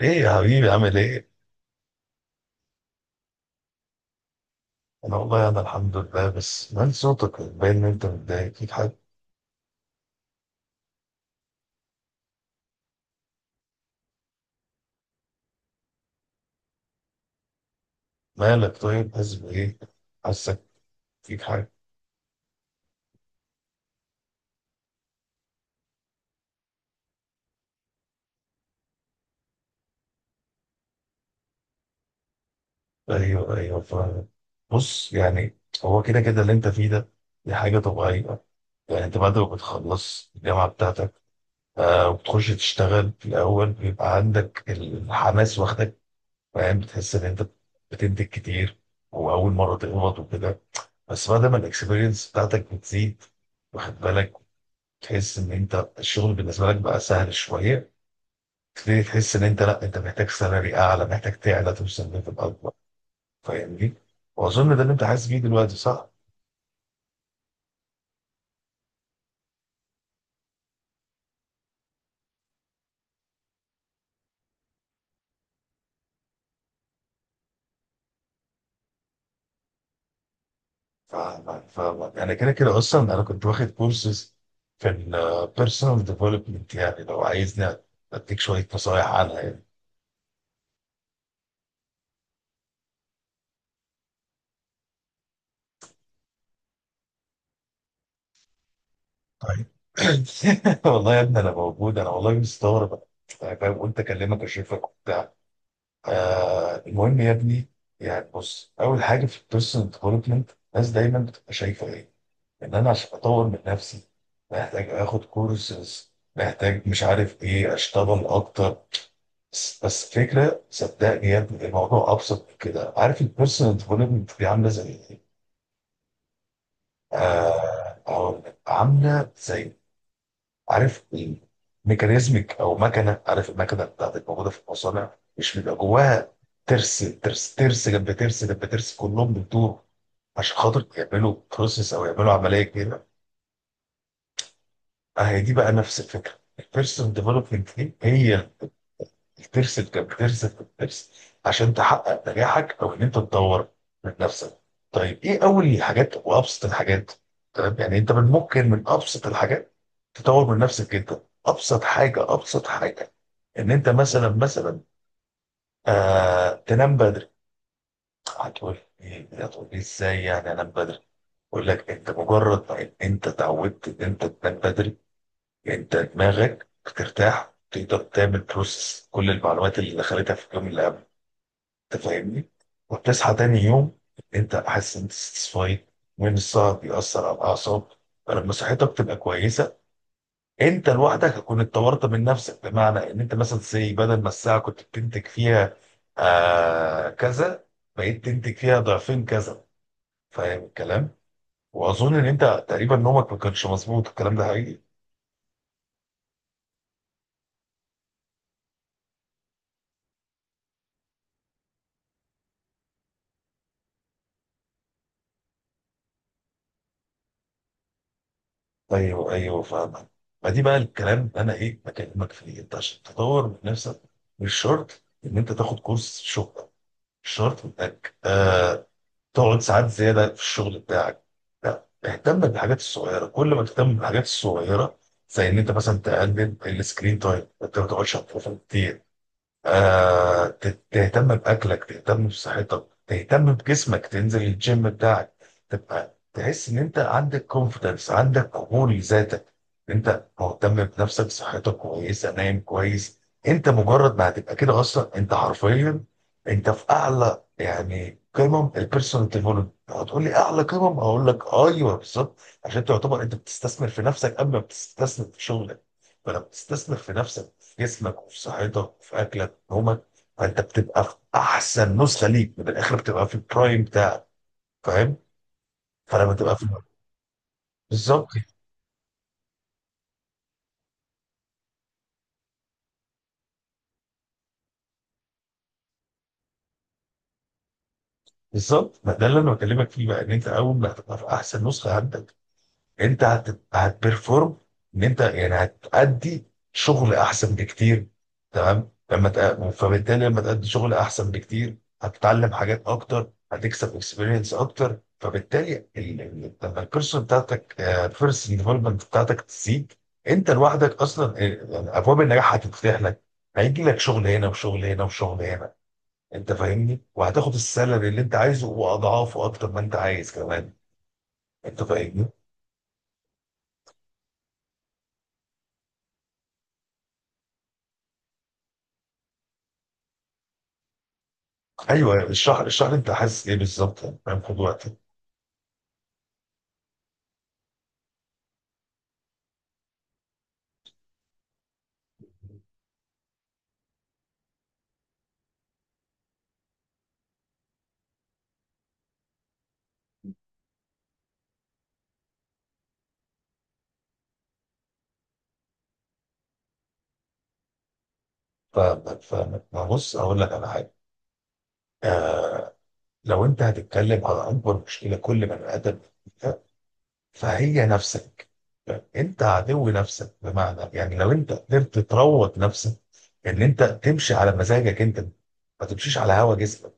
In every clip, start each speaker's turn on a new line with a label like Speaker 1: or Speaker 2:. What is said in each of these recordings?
Speaker 1: ايه يا حبيبي عامل ايه؟ انا والله الحمد لله، بس من صوتك باين ان انت متضايق، فيك حاجة. مالك طيب؟ حاسس بايه؟ حاسك فيك حاجة. ايوه فاهم. بص يعني، هو كده كده اللي انت فيه ده، دي حاجة طبيعية. يعني انت بعد ما بتخلص الجامعة بتاعتك، وبتخش تشتغل في الأول، بيبقى عندك الحماس واخدك، فاهم، بتحس إن أنت بتنتج كتير، وأول مرة تقبض وكده. بس بعد ما الإكسبيرينس بتاعتك بتزيد، واخد بالك، تحس ان انت الشغل بالنسبه لك بقى سهل شويه، تبتدي تحس ان انت لا، انت محتاج سالري اعلى، محتاج تعلى، توصل ليفل اكبر. فاهمني؟ واظن ده اللي انت حاسس بيه دلوقتي، صح؟ ف... ف... انا كده كده اصلا انا كنت واخد كورسز في البيرسونال ديفلوبمنت، يعني لو عايزني اديك شويه نصايح عنها يعني. طيب، والله يا ابني انا موجود، انا والله مستغرب. أنا فاهم، قلت اكلمك اشوفك وبتاع. المهم يا ابني، يعني بص، اول حاجه في البيرسونال ديفلوبمنت الناس دايما بتبقى شايفه ايه؟ ان انا عشان اطور من نفسي محتاج اخد كورسز، محتاج مش عارف ايه، اشتغل اكتر. بس فكره، صدقني يا ابني الموضوع ابسط من كده. عارف البيرسونال ديفلوبمنت دي عامله زي ايه؟ آه، هقول لك. عامله زي، عارف، ميكانيزمك او مكنه. عارف المكنه بتاعتك موجوده في المصانع، مش بيبقى جواها ترس جنب ترس جنب ترس، كلهم بيدور عشان خاطر يعملوا بروسيس او يعملوا عمليه كبيره. اه، هي دي بقى نفس الفكره. البيرسونال ديفلوبمنت دي هي بترسم عشان تحقق نجاحك او ان انت تطور من نفسك. طيب ايه اول حاجات وابسط الحاجات؟ تمام، يعني انت من ممكن من ابسط الحاجات تطور من نفسك جدا. ابسط حاجه، ابسط حاجه ان انت مثلا تنام بدري. هتقول ايه؟ هتقول لي ازاي يعني انام بدري؟ اقول لك، انت مجرد ما ان انت اتعودت ان انت تنام بدري، انت دماغك بترتاح، تقدر تعمل بروسس كل المعلومات اللي دخلتها في اليوم اللي قبل. انت فاهمني؟ وبتصحى تاني يوم انت حاسس انت ساتسفايد. وان السهر بيأثر على الاعصاب، فلما صحتك تبقى كويسه، انت لوحدك هتكون اتطورت من نفسك. بمعنى ان انت مثلا زي، بدل ما الساعه كنت بتنتج فيها كذا، بقيت تنتج فيها ضعفين كذا. فاهم الكلام؟ واظن ان انت تقريبا نومك ما كانش مظبوط، الكلام ده حقيقي. ايوه فاهمك. ما دي بقى الكلام اللي انا بكلمك فيه، انت عشان تطور من نفسك مش شرط ان انت تاخد كورس شغل، مش شرط انك تقعد ساعات زياده في الشغل بتاعك، لا، اهتم بالحاجات الصغيره. كل ما تهتم بالحاجات الصغيره، زي ان انت مثلا تقلل السكرين تايم، انت ما تقعدش على التليفون كتير، تهتم بأكلك، تهتم بصحتك، تهتم بجسمك، تنزل الجيم بتاعك، تبقى تحس إن أنت عندك كونفيدنس، عندك قبول لذاتك، أنت مهتم بنفسك، صحتك كويسة، نايم كويس. أنت مجرد ما هتبقى كده، أصلا أنت حرفيا أنت في أعلى يعني قمم البيرسونال ديفلوبمنت. هتقول لي أعلى قمم؟ أقول لك أيوه بالظبط. عشان تعتبر أنت بتستثمر في نفسك قبل ما بتستثمر في شغلك. فلما بتستثمر في نفسك، جسمك وفي صحتك وفي اكلك وفي نومك، فانت بتبقى في احسن نسخه ليك من الاخر، بتبقى في البرايم بتاعك، فاهم؟ فلما تبقى في، بالظبط. بالظبط، ما ده اللي انا بكلمك فيه بقى، ان انت اول ما هتبقى في احسن نسخه عندك، انت هتبرفورم، ان انت يعني هتأدي شغل احسن بكتير. تمام؟ فبالتالي لما تأدي شغل احسن بكتير، هتتعلم حاجات اكتر، هتكسب اكسبيرينس اكتر، فبالتالي لما البيرسون ديفلوبمنت بتاعتك تزيد، انت لوحدك اصلا، يعني ابواب النجاح هتتفتح لك. هيجي لك شغل هنا وشغل هنا وشغل هنا. انت فاهمني، وهتاخد السالري اللي انت عايزه واضعافه اكتر ما انت عايز كمان. انت فاهمني؟ ايوه اشرح اشرح لي انت حاسس ايه بالظبط، يعني فاهم، خد وقتك. فاهمك فاهمك. ما بص، اقول لك على حاجه. آه، لو انت هتتكلم على اكبر مشكله كل بني ادم فيها، فهي نفسك. انت عدو نفسك. بمعنى يعني لو انت قدرت تروض نفسك ان انت تمشي على مزاجك انت، ما تمشيش على هوا جسمك.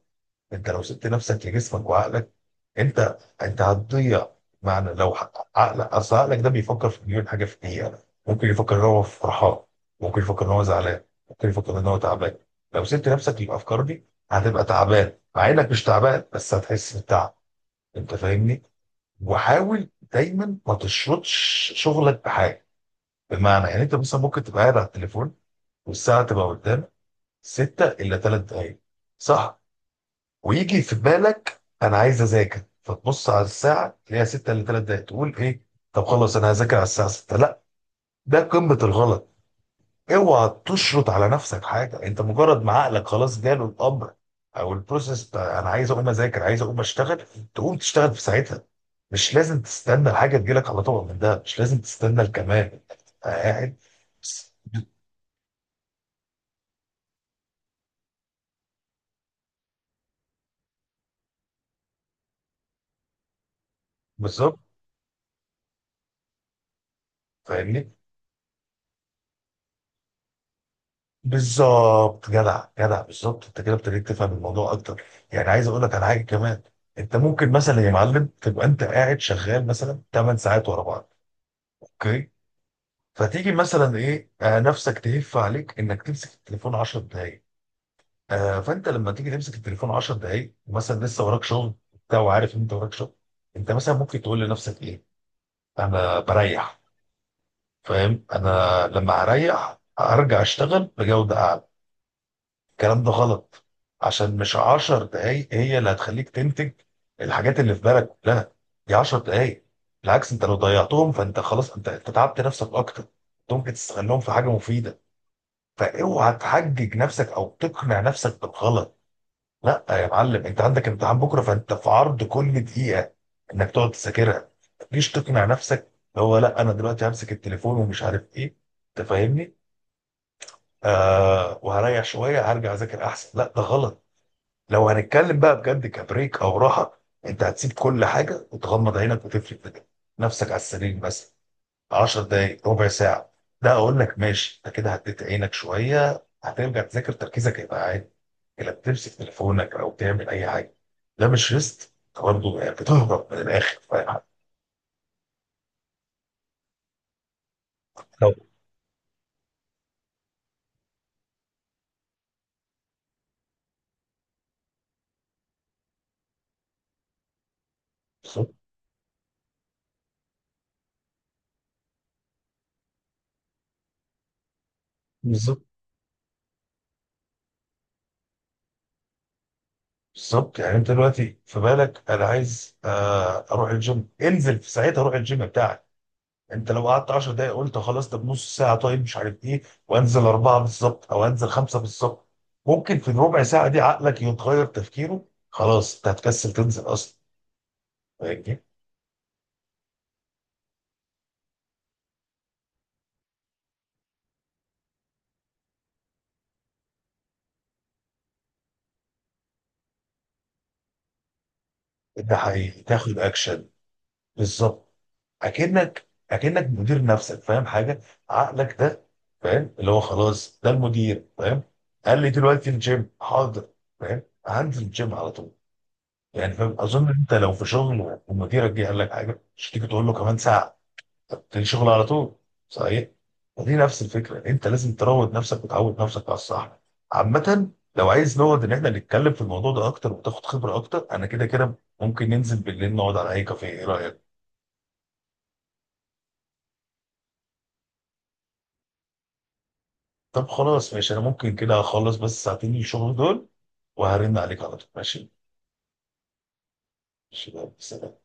Speaker 1: انت لو سبت نفسك لجسمك وعقلك، انت هتضيع. معنى، عقلك، اصل عقلك ده بيفكر في مليون حاجه في الدقيقه. ممكن يفكر ان هو فرحان، ممكن يفكر ان هو زعلان، ممكن يفكر ان هو تعبان. لو سبت نفسك للافكار دي، هتبقى تعبان مع انك مش تعبان، بس هتحس بالتعب. انت فاهمني؟ وحاول دايما ما تشرطش شغلك بحاجه. بمعنى يعني انت مثلا ممكن تبقى قاعد على التليفون والساعه تبقى قدامك 6 الا 3 دقائق، صح؟ ويجي في بالك انا عايز اذاكر، فتبص على الساعه تلاقيها 6 الا 3 دقايق، تقول ايه؟ طب خلاص انا هذاكر على الساعه 6، لا، ده قمه الغلط. اوعى تشرط على نفسك حاجه. انت مجرد ما عقلك خلاص جاله الامر او البروسيس بتاع انا عايز اقوم اذاكر، عايز اقوم اشتغل، تقوم تشتغل في ساعتها. مش لازم تستنى الحاجه تجيلك على طبق من ده، مش لازم تستنى الكمال. أنت قاعد بس- بالظبط، فاهمني. بالظبط، جدع جدع، بالظبط، انت كده ابتديت تفهم الموضوع اكتر. يعني عايز اقول لك على حاجه كمان. انت ممكن مثلا يا معلم تبقى انت قاعد شغال مثلا 8 ساعات ورا بعض، اوكي؟ فتيجي مثلا ايه آه نفسك تهف عليك انك تمسك التليفون 10 دقائق. فانت لما تيجي تمسك التليفون 10 دقائق، مثلا لسه وراك شغل بتاع وعارف ان انت وراك شغل. انت مثلا ممكن تقول لنفسك ايه؟ انا بريح، فاهم، انا لما اريح ارجع اشتغل بجوده اعلى. الكلام ده غلط. عشان مش عشر دقايق هي اللي هتخليك تنتج الحاجات اللي في بالك كلها، دي عشر دقايق. بالعكس، انت لو ضيعتهم فانت خلاص، انت تعبت نفسك اكتر. انت ممكن تستغلهم في حاجه مفيده. فاوعى تحجج نفسك او تقنع نفسك بالغلط. لا يا معلم، انت عندك امتحان بكره، فانت في عرض كل دقيقه انك تقعد تذاكرها، مش تقنع نفسك اللي هو لا، انا دلوقتي همسك التليفون ومش عارف ايه. انت فاهمني؟ وهريح شويه هرجع اذاكر احسن، لا ده غلط. لو هنتكلم بقى بجد كبريك او راحه، انت هتسيب كل حاجه وتغمض عينك وتفرد كده نفسك على السرير، بس. 10 دقائق، ربع ساعه، ده اقول لك ماشي. انت كده هديت عينك شويه، هترجع تذاكر تركيزك هيبقى عادي. لا، بتمسك تليفونك او تعمل اي حاجه، ده مش ريست، انت برضه يعني بتهرب من الاخر، فاهم؟ لو بالظبط. بالظبط، بالظبط، يعني انت دلوقتي في بالك انا عايز اروح الجيم، انزل في ساعتها، روح الجيم بتاعك. انت لو قعدت 10 دقايق قلت خلاص طب نص ساعه، طيب مش عارف ايه، وانزل اربعه بالظبط او انزل خمسه بالظبط، ممكن في الربع ساعه دي عقلك يتغير تفكيره، خلاص انت هتكسل تنزل اصلا. فاهمني؟ ده حقيقي، تاخد اكشن. بالظبط. اكنك مدير نفسك، فاهم حاجه؟ عقلك ده، فاهم؟ اللي هو خلاص ده المدير، فاهم؟ قال لي دلوقتي الجيم، حاضر، فاهم؟ هنزل الجيم على طول. يعني فاهم، اظن انت لو في شغل ومديرك جه قال لك حاجه، مش تيجي تقول له كمان ساعه، تلاقي شغل على طول. صحيح. فدي نفس الفكره، انت لازم تروض نفسك وتعود نفسك على الصح. عامه، لو عايز نقعد ان احنا نتكلم في الموضوع ده اكتر وتاخد خبره اكتر، انا كده كده ممكن ننزل بالليل نقعد على اي كافيه، ايه رايك؟ طب خلاص ماشي، انا ممكن كده اخلص بس ساعتين الشغل دول وهرن عليك على طول، ماشي. ماشي، يلا، سلام.